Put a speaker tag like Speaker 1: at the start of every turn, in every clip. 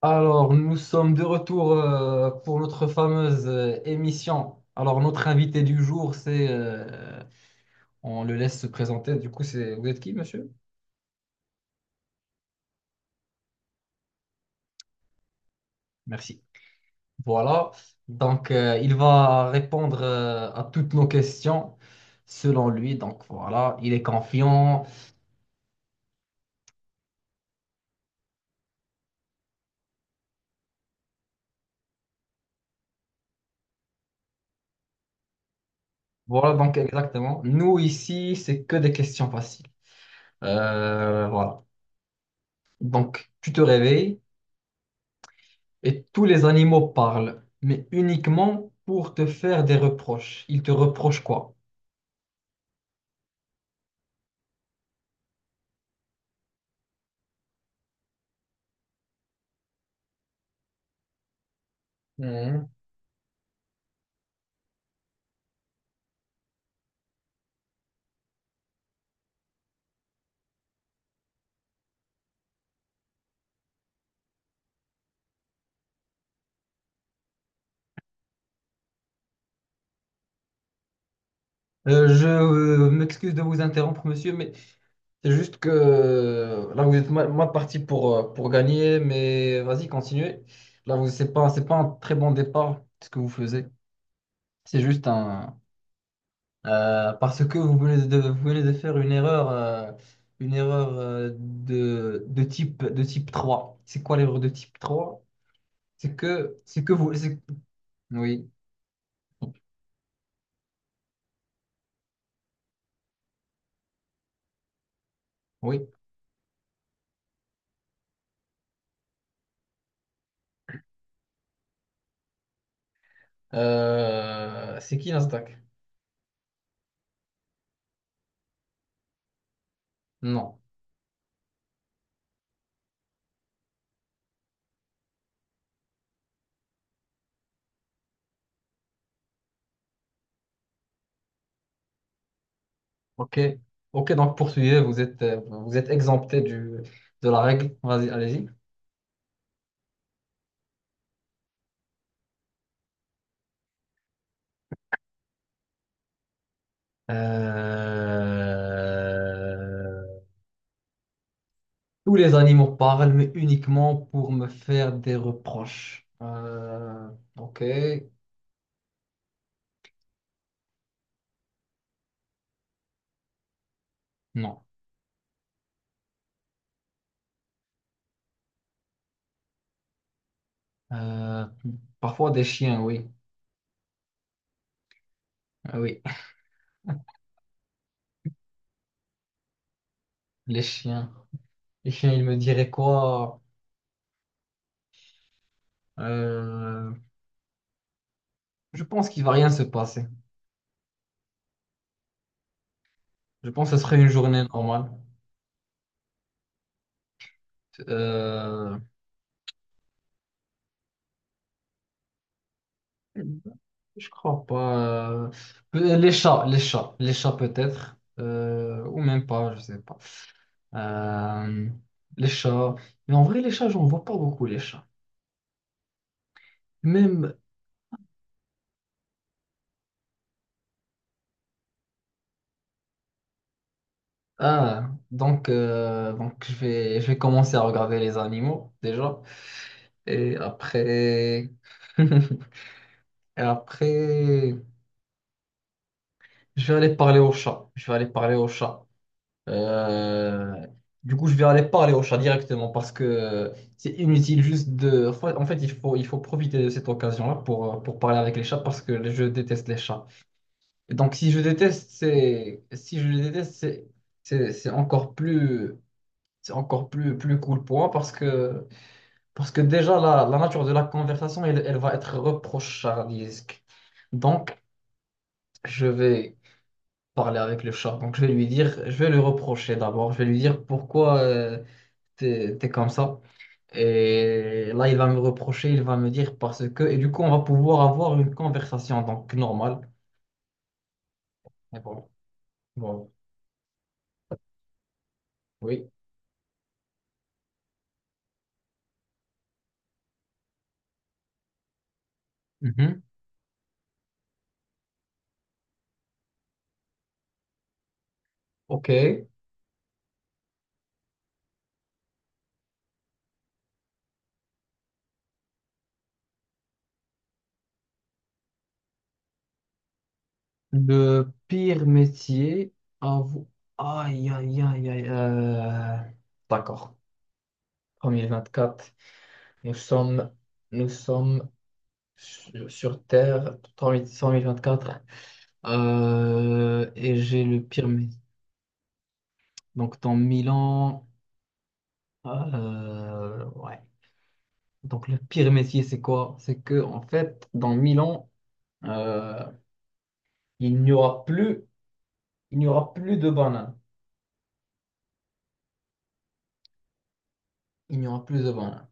Speaker 1: Alors, nous sommes de retour pour notre fameuse émission. Alors, notre invité du jour, on le laisse se présenter. Vous êtes qui, monsieur? Merci. Voilà. Donc, il va répondre à toutes nos questions selon lui. Donc, voilà, il est confiant. Voilà, donc exactement. Nous, ici, c'est que des questions faciles. Voilà. Donc, tu te réveilles. Et tous les animaux parlent, mais uniquement pour te faire des reproches. Ils te reprochent quoi? Mhm. Je m'excuse de vous interrompre, monsieur, mais c'est juste que là, vous êtes mal parti pour gagner, mais vas-y, continuez. Là, vous, c'est pas un très bon départ, ce que vous faisiez. C'est juste un... parce que vous venez de faire une erreur de type 3. C'est quoi l'erreur de type trois? C'est que vous, c'est- oui, oui. C'est qui Nasdaq? Non. Ok, ok. Donc poursuivez. Vous êtes exempté de la règle. Vas-y, allez-y. Euh, Tous les animaux parlent, mais uniquement pour me faire des reproches. Ok, non. Euh, parfois des chiens, oui. Ah oui, les chiens. Les chiens, ils me diraient quoi? Euh, Je pense qu'il va rien se passer. Je pense que ce serait une journée normale. Euh, je crois pas. Les chats, les chats peut-être. Ou même pas, je sais pas. Euh, les chats. Mais en vrai, les chats, j'en vois pas beaucoup, les chats. Même. Ah, donc je vais commencer à regarder les animaux, déjà. Et après. Et après. Je vais aller parler aux chats. Je vais aller parler aux chats. Euh, du coup, je vais aller parler au chat directement parce que c'est inutile juste en fait, il faut profiter de cette occasion-là pour parler avec les chats parce que je déteste les chats. Et donc, si je les déteste, c'est encore plus... C'est encore plus, plus cool pour moi parce que déjà, la nature de la conversation, elle va être reprochardisque. Donc, je vais parler avec le chat. Donc, je vais lui dire, je vais lui reprocher d'abord. Je vais lui dire pourquoi. T'es comme ça. Et là, il va me reprocher, il va me dire parce que. Et du coup, on va pouvoir avoir une conversation, donc normale. Mais bon, bon, oui. Mhm. OK. Le pire métier à vous. Aïe, aïe, aïe, aïe. D'accord. 2024. Nous sommes, nous sommes sur Terre, 2024. Et j'ai le pire métier. Donc, dans 1000 ans. Ouais. Donc le pire métier, c'est quoi? C'est que en fait, dans 1000 ans, euh, il n'y aura plus, il n'y aura plus de bananes. Il n'y aura plus de bananes.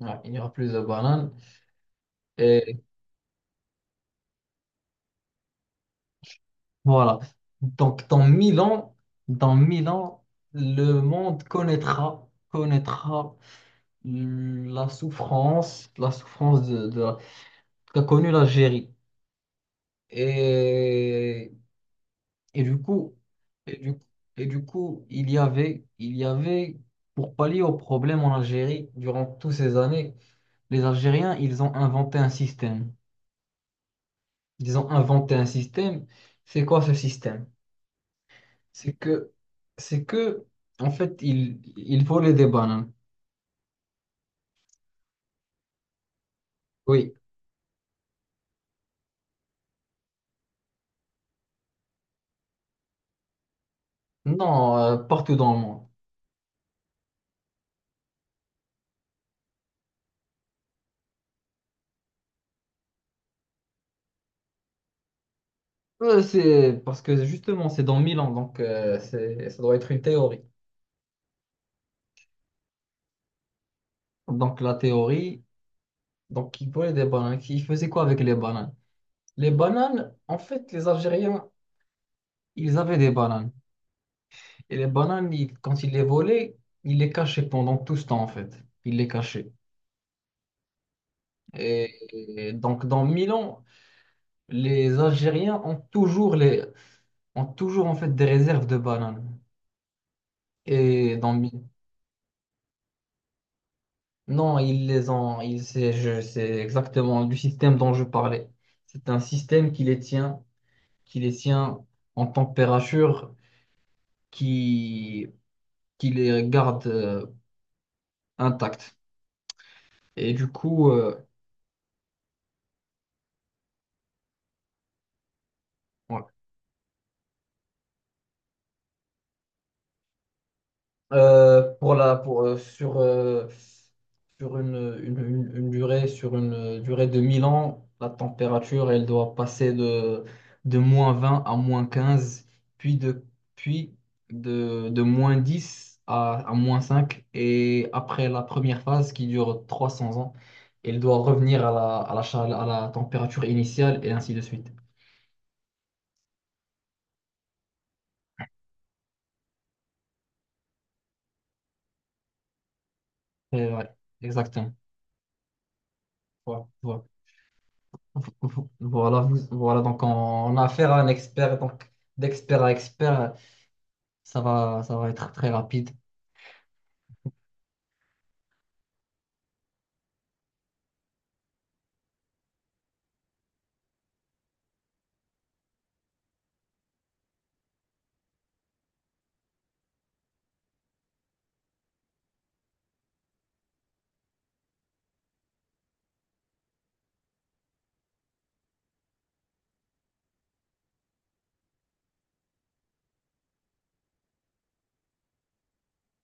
Speaker 1: Ouais, il n'y aura plus de bananes. Et voilà. Donc dans mille ans, dans 1000 ans, le monde connaîtra la souffrance, qu'a connue l'Algérie. Et Et du coup, et du, et du coup, il y avait, pour pallier au problème en Algérie, durant toutes ces années, les Algériens, ils ont inventé un système. Ils ont inventé un système. C'est quoi ce système? C'est que, c'est que, en fait, ils volaient des bananes. Oui. Non, partout dans le monde. C'est parce que justement, c'est dans 1000 ans donc ça doit être une théorie. Donc la théorie, donc ils volaient des bananes. Ils faisaient quoi avec les bananes? Les bananes, en fait, les Algériens, ils avaient des bananes. Et les bananes, quand ils les volaient, ils les cachaient pendant tout ce temps, en fait. Ils les cachaient. Et, et donc, dans Milan, les Algériens ont toujours, les, ont toujours en fait, des réserves de bananes. Et dans Mi- Non, ils les ont. C'est exactement du système dont je parlais. C'est un système qui les tient en température, qui, qui les garde intacts. Et du coup, ouais. Pour la, pour, sur, sur une durée, sur une durée de 1000 ans, la température, elle doit passer de -20 à -15, puis de, puis de -10 à -5. Et après la première phase qui dure 300 ans, elle doit revenir à à la température initiale et ainsi de suite. Et ouais, exactement. Ouais, ouais. Voilà, donc on a affaire à un expert, donc d'expert à expert, ça va être très rapide.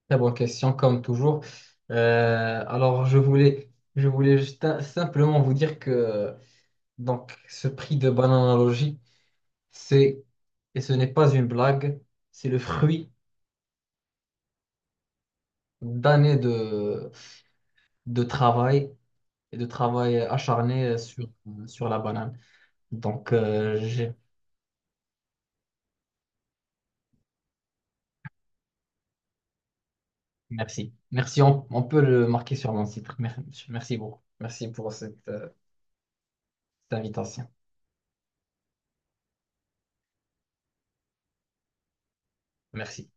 Speaker 1: Très bonne question, comme toujours. Alors, je voulais simplement vous dire que donc, ce prix de Bananalogie, c'est, et ce n'est pas une blague, c'est le fruit d'années de travail et de travail acharné sur, sur la banane. Donc, j'ai merci. Merci, on peut le marquer sur mon site. Merci beaucoup. Merci pour cette, cette invitation. Merci.